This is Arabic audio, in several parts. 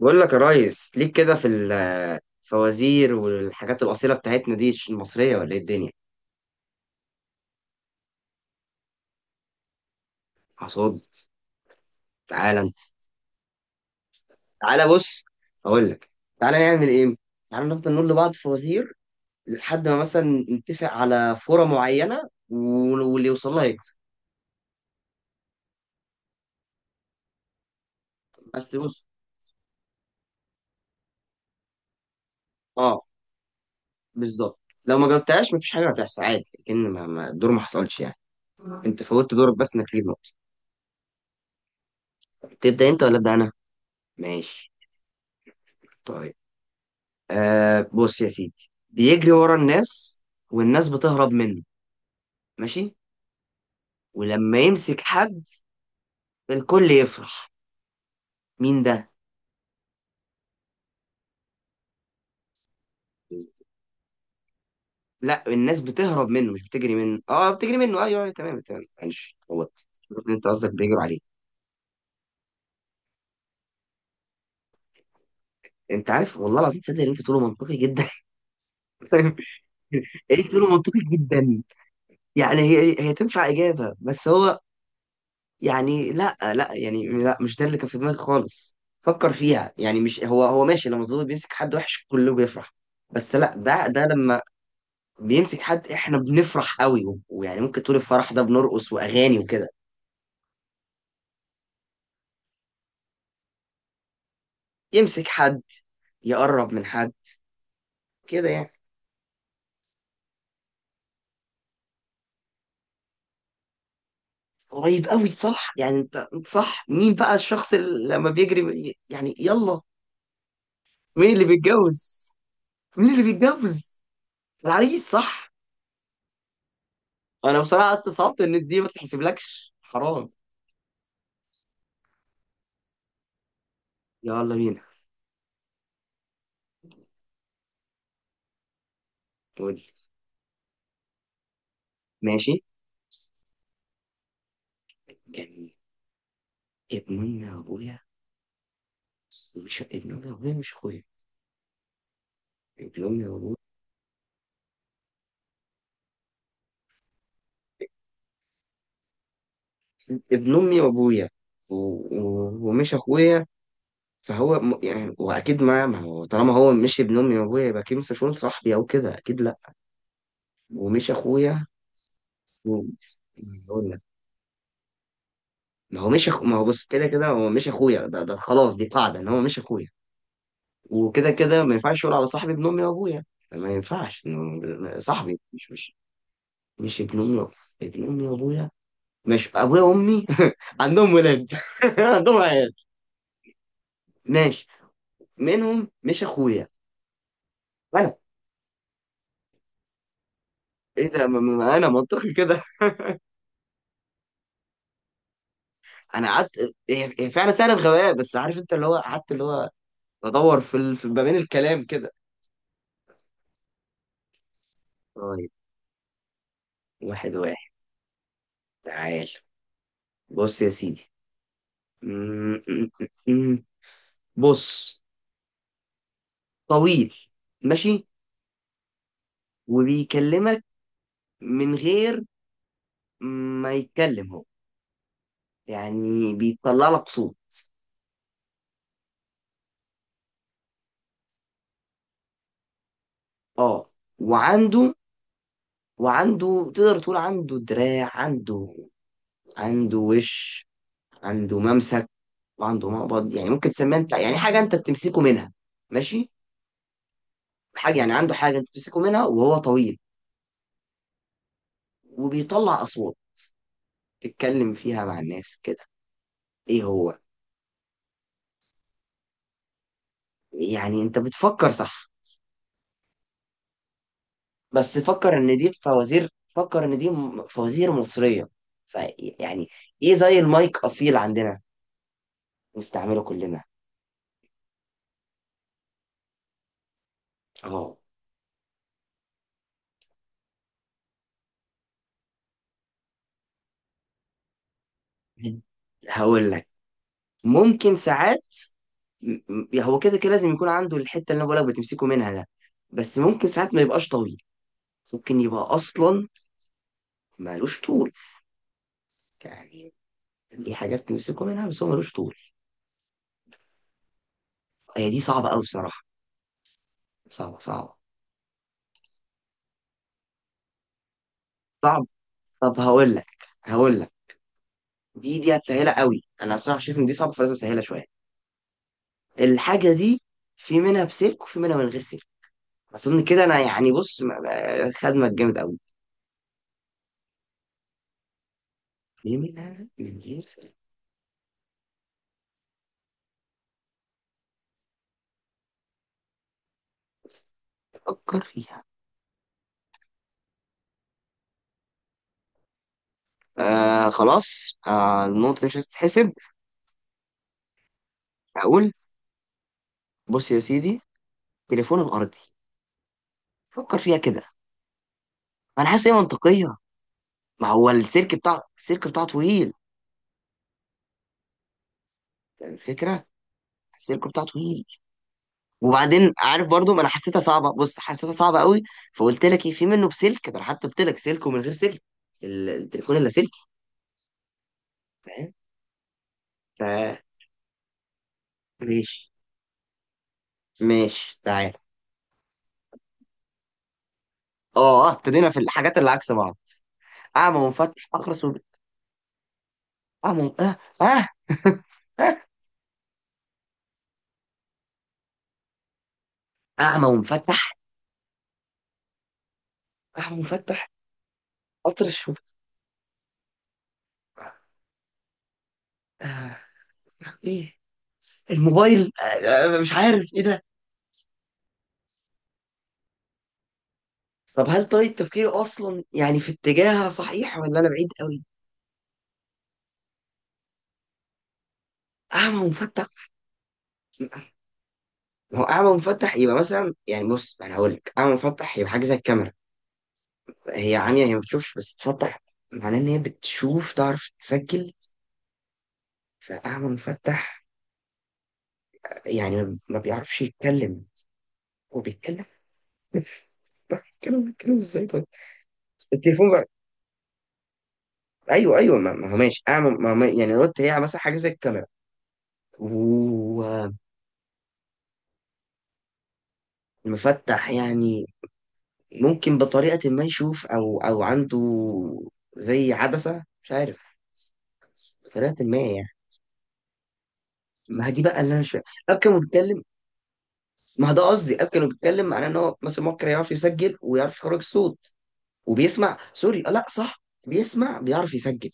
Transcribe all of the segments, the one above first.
بقول لك يا ريس، ليك كده في الفوازير والحاجات الأصيلة بتاعتنا دي، مش المصرية ولا ايه الدنيا؟ حصاد. تعالى انت. تعالى بص اقول لك. تعالى نعمل ايه. تعالى نفضل نقول لبعض فوازير لحد ما مثلا نتفق على فورة معينة واللي يوصل لها يكسب. بس بص، اه، بالظبط. لو ما جاوبتهاش مفيش حاجة هتحصل عادي، لكن الدور ما حصلش يعني. انت فوتت دورك بس انك تجيب نقطة. تبدأ انت ولا أبدأ انا؟ ماشي. طيب، آه، بص يا سيدي، بيجري ورا الناس والناس بتهرب منه. ماشي. ولما يمسك حد الكل يفرح. مين ده؟ لا، الناس بتهرب منه مش بتجري منه، اه بتجري منه، ايوه ايوه، تمام تمام، معلش غلطت. شفت انت قصدك، بيجروا عليه. انت عارف والله العظيم تصدق ان انت تقوله منطقي جدا؟ انت تقوله منطقي جدا. يعني هي تنفع اجابه، بس هو يعني لا يعني لا، مش ده اللي كان في دماغي خالص. فكر فيها يعني مش هو. ماشي، لما الظابط بيمسك حد وحش كله بيفرح. بس لا، ده لما بيمسك حد احنا بنفرح قوي ويعني ممكن تقول الفرح ده بنرقص واغاني وكده. يمسك حد، يقرب من حد، كده يعني. قريب قوي، صح يعني، انت صح. مين بقى الشخص اللي لما بيجري يعني، يلا. مين اللي بيتجوز؟ مين اللي بيتجوز؟ العريس، صح. انا بصراحة استصعبت ان دي ما تتحسبلكش، حرام. يلا بينا. ودي ماشي. كان ابن امي وابويا، مش ابن امي وابويا، مش اخويا، ابن امي وابويا. ابن امي وابويا ومش اخويا. فهو يعني، واكيد ما هو طالما هو مش ابن امي وابويا يبقى اكيد مش هيكون صاحبي او كده، اكيد لا. ومش اخويا. و... بقول لك، ما هو مش أخو... ما هو بص، كده كده هو مش اخويا ده، ده خلاص، دي قاعده ان هو مش اخويا. وكده كده ما ينفعش يقول على صاحبي ابن امي وابويا. ما ينفعش إنه صاحبي، مش مش ابن امي وأبويا. ابن امي وابويا مش ابويا وامي. عندهم ولاد. عندهم عيال. ماشي، منهم مش اخويا انا. ايه ده، انا منطقي كده. انا قعدت، هي فعلا سهله، بغباء بس، عارف انت اللي هو، قعدت اللي هو بدور في في ما بين الكلام كده. طيب، واحد واحد. تعال بص يا سيدي. م- م- م- م. بص، طويل، ماشي، وبيكلمك من غير ما يتكلم هو، يعني بيطلع لك صوت. اه. وعنده، وعنده، تقدر تقول عنده دراع، عنده، عنده وش، عنده ممسك، وعنده مقبض، يعني ممكن تسميها انت يعني حاجه انت بتمسكه منها. ماشي. حاجه يعني، عنده حاجه انت بتمسكه منها، وهو طويل، وبيطلع اصوات تتكلم فيها مع الناس كده. ايه هو؟ يعني انت بتفكر صح، بس فكر ان دي فوازير، فكر ان دي فوازير مصريه. فيعني ايه زي المايك اصيل عندنا، نستعمله كلنا. اه. هقول لك، ممكن ساعات، هو كده كده لازم يكون عنده الحته اللي انا بقولك بتمسكه منها ده، بس ممكن ساعات ما يبقاش طويل. ممكن يبقى اصلا مالوش طول، يعني، دي حاجات تمسكه منها بس هو مالوش طول. هي دي صعبه قوي بصراحه، صعبه، صعب. طب هقول لك، هقول لك، دي هتسهلها قوي، انا بصراحه شايف ان دي صعبه فلازم اسهلها شويه. الحاجه دي، في منها بسلك وفي منها من غير سلك، اظن كده انا يعني. بص، خدمك جامد قوي. في منها من غير سلك. فكر فيها. آه خلاص، آه، النقطة دي مش هتتحسب. هقول. بص يا سيدي، تليفون الأرضي. فكر فيها كده. أنا حاسس هي منطقية. ما هو السلك، بتاع السلك بتاعه طويل، يعني الفكرة السلك بتاعه طويل. وبعدين عارف برضو، ما أنا حسيتها صعبة، بص حسيتها صعبة قوي، فقلت لك إيه، في منه بسلك، ده أنا حتى قلت لك سلك ومن غير سلك، التليفون اللاسلكي. فاهم؟ ف، ماشي، ماشي. تعال، اه، آه، ابتدينا في الحاجات اللي عكس بعض. أعمى ومفتح، آه، آه. أعمى ومفتح، آه، مفتح. قطر الشوب، آه، ايه، الموبايل، آه، آه، مش عارف ايه ده. طب هل طريقة تفكيري اصلا يعني في اتجاهها صحيح ولا انا بعيد قوي؟ اعمى مفتح، ما هو اعمى مفتح يبقى مثلا يعني، بص انا هقول لك، اعمى مفتح يبقى حاجه زي الكاميرا. هي عمية، هي ما بتشوفش، بس تفتح معناه ان هي بتشوف، تعرف تسجل. فاعمى مفتح يعني ما بيعرفش يتكلم، هو بيتكلم. بيتكلم، بيتكلم ازاي طيب؟ التليفون. ايوه ايوه، ما هو ماشي اعمل، ما هو، يعني رد، هي مثلا حاجه زي الكاميرا. ومفتح يعني، ممكن بطريقه ما يشوف او عنده زي عدسه، مش عارف، بطريقه ما يعني. ما هي دي بقى اللي انا مش فاهم. اب كانوا بيتكلم، ما هو ده قصدي، اب كانوا بيتكلم معناه ان هو مثلا ممكن يعرف يسجل ويعرف يخرج صوت. وبيسمع، سوري، آه، لا صح، بيسمع، بيعرف يسجل،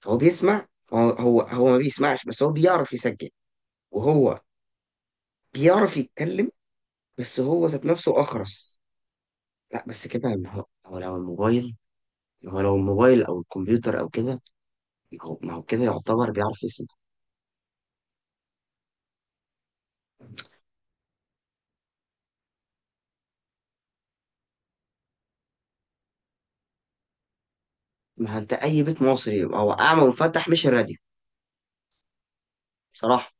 فهو بيسمع. هو ما بيسمعش، بس هو بيعرف يسجل. وهو بيعرف يتكلم، بس هو ذات نفسه اخرس. لا بس كده، ما هو هو لو الموبايل، هو لو الموبايل او الكمبيوتر او كده، ما هو كده يعتبر بيعرف يسمع. ما هو انت اي بيت مصري يبقى هو اعمى ومفتح، مش الراديو؟ بصراحه.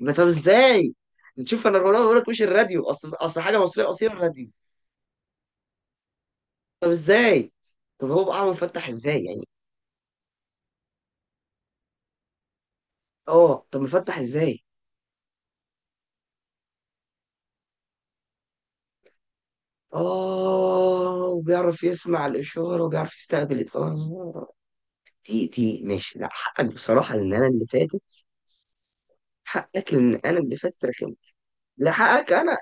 يبقى طب ازاي؟ تشوف انا الغلابه بقول لك مش الراديو، اصل حاجه مصريه اصيل الراديو. طب ازاي؟ طب هو بقى اعمى ومفتح ازاي يعني؟ اه. طب مفتح ازاي؟ اه، وبيعرف يسمع الاشاره، وبيعرف يستقبل اه. دي ماشي، لا حقك بصراحه ان انا اللي فاتت. حقك ان انا اللي فاتت، رخمت. لحقك انا.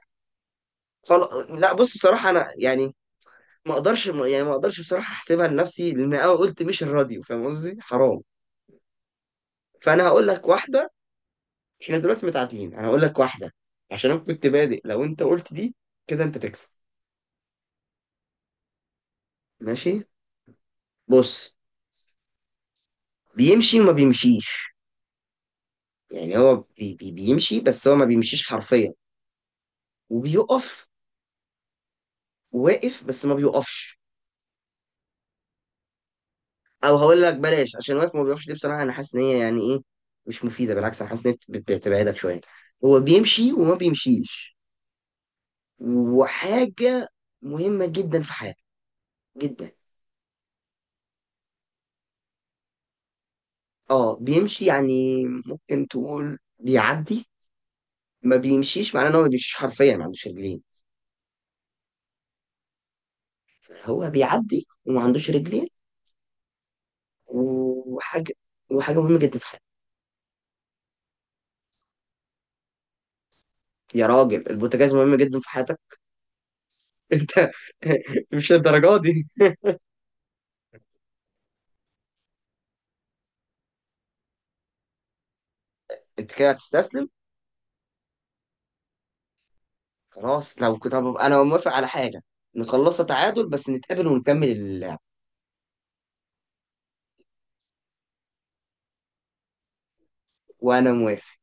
خلاص لا، بص بصراحه انا يعني، ما اقدرش بصراحه احسبها لنفسي لان انا قلت مش الراديو، فاهم قصدي، حرام. فانا هقول لك واحده، احنا دلوقتي متعادلين. انا هقول لك واحده، عشان انا كنت بادئ، لو انت قلت دي كده انت تكسب. ماشي. بص، بيمشي وما بيمشيش، يعني هو بي بيمشي، بس هو ما بيمشيش حرفيا. وبيقف، واقف بس ما بيقفش. او هقول لك بلاش، عشان واقف ما بيقفش دي بصراحه انا حاسس ان هي يعني ايه، مش مفيده، بالعكس انا حاسس ان هي بتبعدك شويه. هو بيمشي وما بيمشيش، وحاجه مهمه جدا في حياتك، جدا. اه، بيمشي يعني ممكن تقول بيعدي، ما بيمشيش معناه ان هو ما بيمشيش حرفيا، ما عندوش رجلين. هو بيعدي وما عندوش رجلين. وحاجه، وحاجه مهمه جدا في حياتك. يا راجل البوتاجاز مهم جدا في حياتك؟ انت مش للدرجه دي. انت كده هتستسلم. خلاص، لو كنت، طب انا موافق على حاجه، نخلصها تعادل بس نتقابل ونكمل اللعب. وانا موافق.